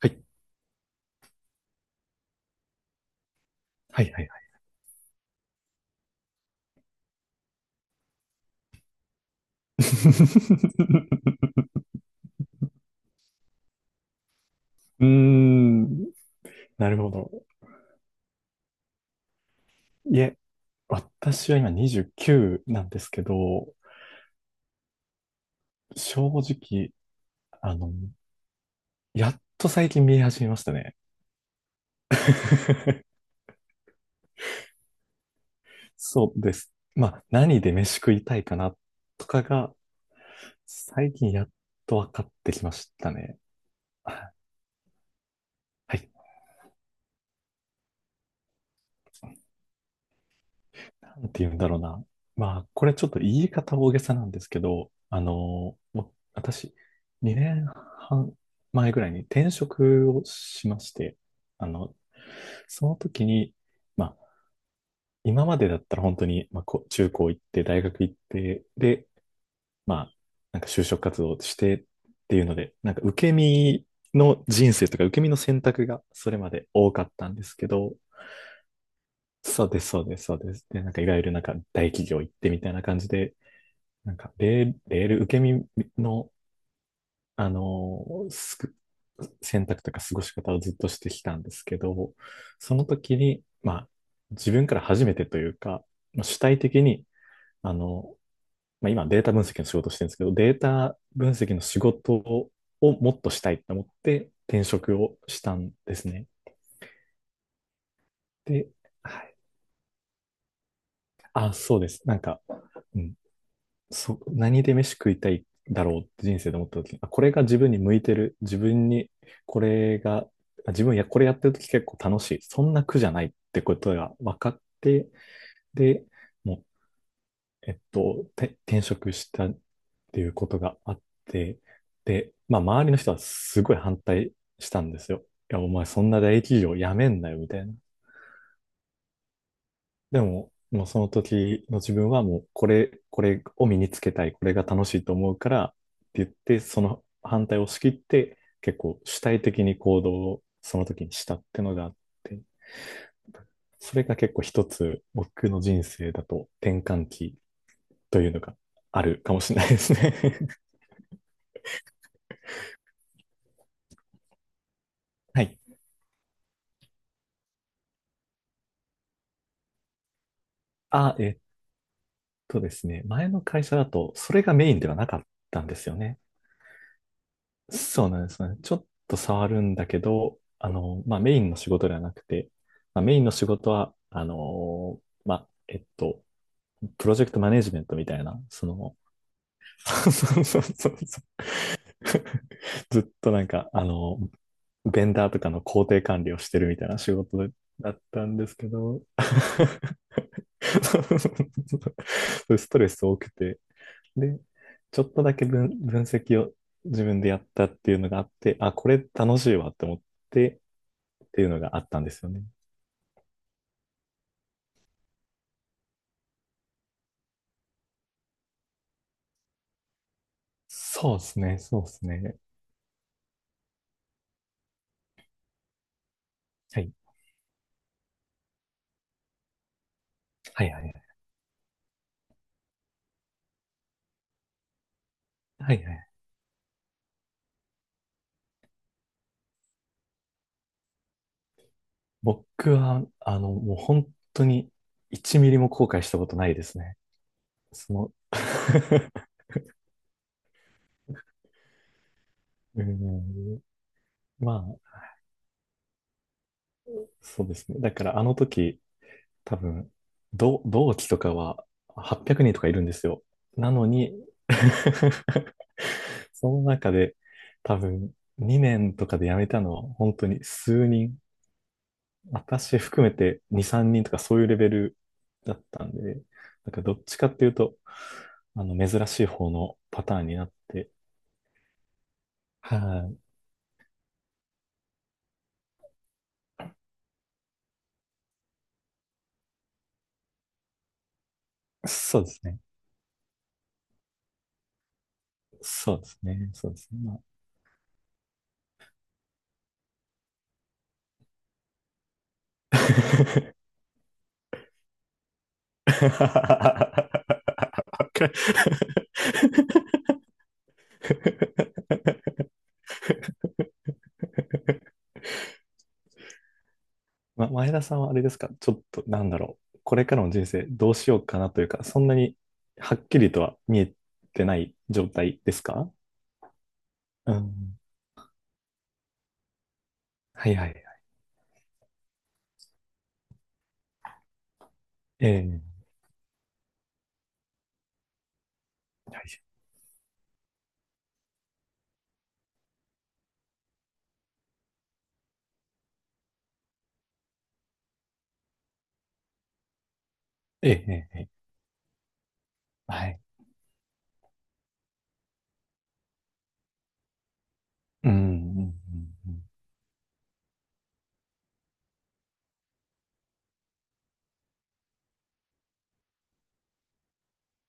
はい。はい、はい、はい。うーん。なるほど。いえ、私は今29なんですけど、正直、あの、やっと最近見え始めましたね。そうです。まあ、何で飯食いたいかなとかが、最近やっと分かってきましたね。はい。なんて言うんだろうな。まあ、これちょっと言い方大げさなんですけど、私、2年半前ぐらいに転職をしまして、あの、その時に、まあ、今までだったら本当に、まあ、中高行って、大学行って、で、まあ、なんか就職活動してっていうので、なんか受け身の人生とか受け身の選択がそれまで多かったんですけど、そうです、そうです、そうです。で、なんかいわゆるなんか大企業行ってみたいな感じで、なんか、レール受け身の、あのーすく、選択とか過ごし方をずっとしてきたんですけど、その時に、まあ、自分から初めてというか、まあ主体的に、あの、まあ、今データ分析の仕事をしてるんですけど、データ分析の仕事をもっとしたいと思って転職をしたんですね。で、はい。あ、そうです。なんか、うん。何で飯食いたいだろうって人生で思った時に、あ、これが自分に向いてる。自分に、これが、あ自分や、これやってる時結構楽しい。そんな苦じゃないってことが分かって、で、もう、転職したっていうことがあって、で、まあ、周りの人はすごい反対したんですよ。いや、お前そんな大企業辞めんなよ、みたいな。でも、もうその時の自分はもうこれを身につけたい、これが楽しいと思うからって言って、その反対を押し切って結構主体的に行動をその時にしたってのがあって、それが結構一つ僕の人生だと転換期というのがあるかもしれないですね。 はい。あ、えっとですね、前の会社だとそれがメインではなかったんですよね。そうなんですね。ちょっと触るんだけど、まあ、メインの仕事ではなくて、まあ、メインの仕事は、まあ、プロジェクトマネジメントみたいな、そうそうそうそう、ずっとなんか、ベンダーとかの工程管理をしてるみたいな仕事だったんですけど、そうそうそうそう、ストレス多くて、で、ちょっとだけ分析を自分でやったっていうのがあって、あ、これ楽しいわって思ってっていうのがあったんですよね。そうですね、そうですね。はい。はいはいはい。はいはい。僕は、もう本当に1ミリも後悔したことないですね。その。 うん、まあ、そうですね。だからあの時、多分、同期とかは800人とかいるんですよ。なのに。 その中で多分2年とかで辞めたのは本当に数人、私含めて2、3人とかそういうレベルだったんで、なんかどっちかっていうと、珍しい方のパターンになって、はい、そうですね。そうですね。そうですね。まあ。 わかる。前田さんはあれですかちょっと、なんだろう。これからの人生どうしようかなというか、そんなにはっきりとは見えてない状態ですか？うん。はいはいはい。ええ、はい、ええ、ええ、ええ、はい。うん、うん、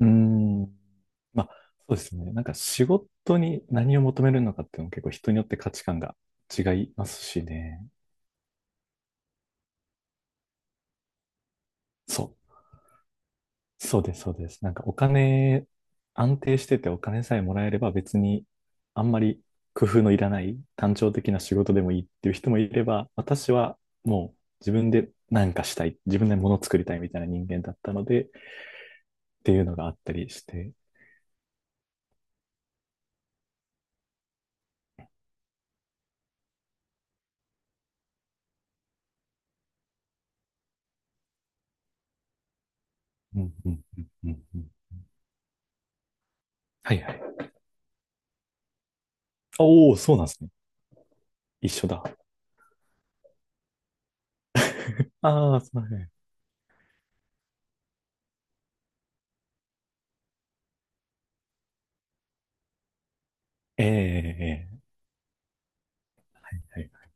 うん。うん。まあ、そうですね。なんか仕事に何を求めるのかっていうのも結構人によって価値観が違いますしね。そう。そうです、そうです。なんかお金、安定しててお金さえもらえれば別にあんまり工夫のいらない単調的な仕事でもいいっていう人もいれば、私はもう自分で何かしたい、自分で物作りたいみたいな人間だったので、っていうのがあったりして。うんうんうんうんうん。はいはい。おお、そうなんですね。一緒だ。ああ、すいません。ええええええ、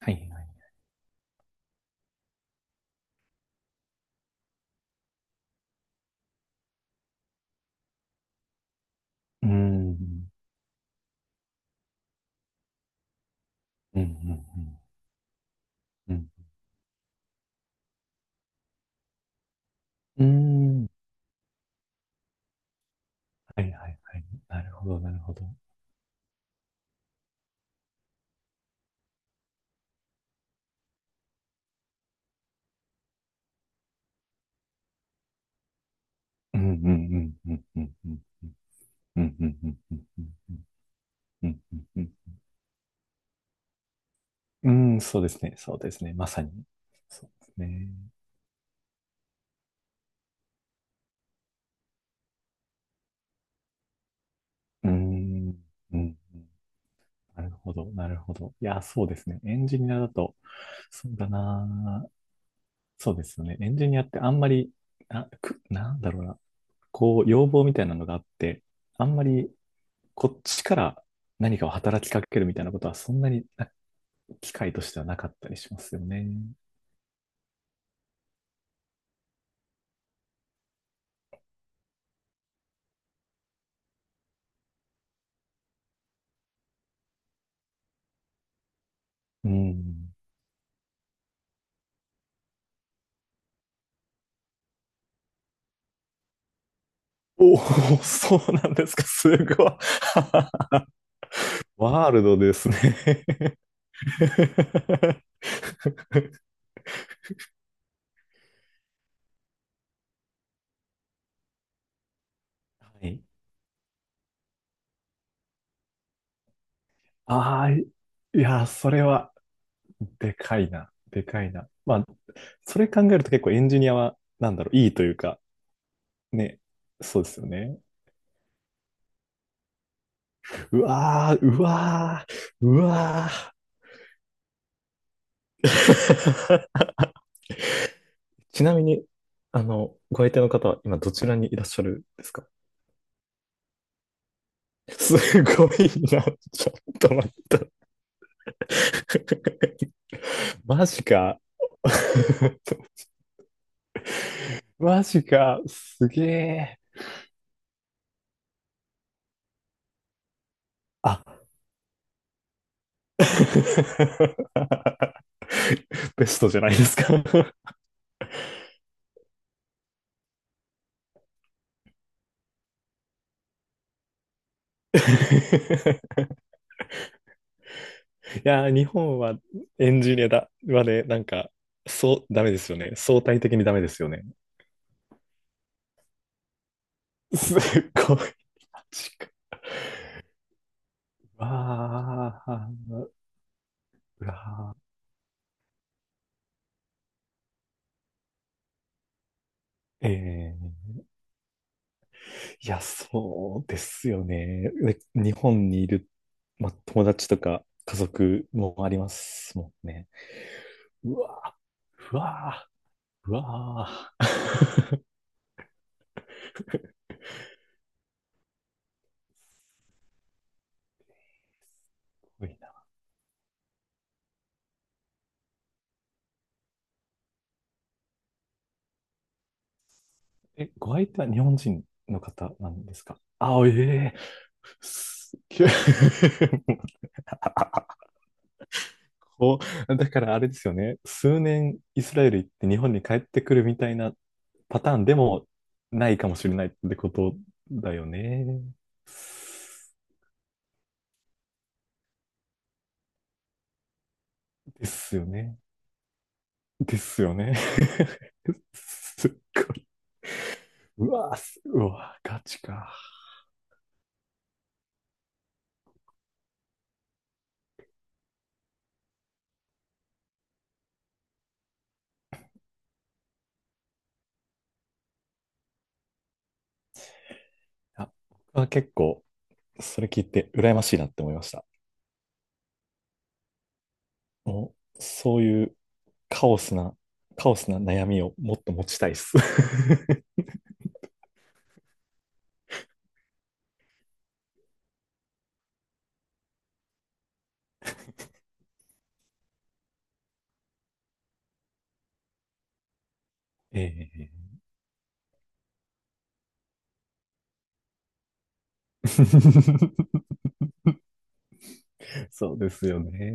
はいはいはい。うーん。うんうんうんうん。うーん。はいはいはい。なるほど、なるほど。うんうんうんうんうんうんうんうんうんうんうんうんうんうんうん、そうですね。そうですね。まさに。そうですね。うーん。うん。なるほど。なるほど。いや、そうですね。エンジニアだと、そうだな。そうですよね。エンジニアってあんまり、あ、なんだろうな。こう、要望みたいなのがあって、あんまりこっちから何かを働きかけるみたいなことは、そんなに機会としてはなかったりしますよね。うん。おーそうなんですか？すごい。ワールドですね。はい。ああ、いや、それは、でかいな。でかいな。まあ、それ考えると結構エンジニアは、なんだろう、いいというか、ね。そうですよね。うわー、うわー、うわー。ちなみに、ご相手の方は今どちらにいらっしゃるんですか？すごいな。ちょっと待って。マジか。マジか。すげえ。あ。ベストじゃないですか？ いやー、日本はエンジニアだはね、なんか、そう、ダメですよね。相対的にダメですよね。すっごい。マジか。わー、うわー。いや、そうですよね。で日本にいる、まあ、友達とか家族もありますもんね。うわー、うわー、うわー。すごいな。え、ご相手は日本人の方なんですか？あ、ええ、すっげえ。 あこだからあれですよね。数年イスラエル行って日本に帰ってくるみたいなパターンでもないかもしれないってことだよね。ですよね。ですよね。すっごい。うわー、うわー、ガチか。あ、僕は結構、それ聞いて羨ましいなって思いました。もう、そういうカオスな、カオスな悩みをもっと持ちたいっす。ええ。 そうですよね。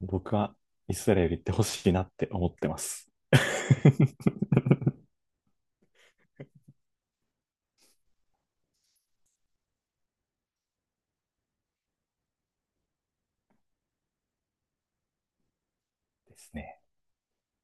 僕はイスラエル行ってほしいなって思ってます。ですね。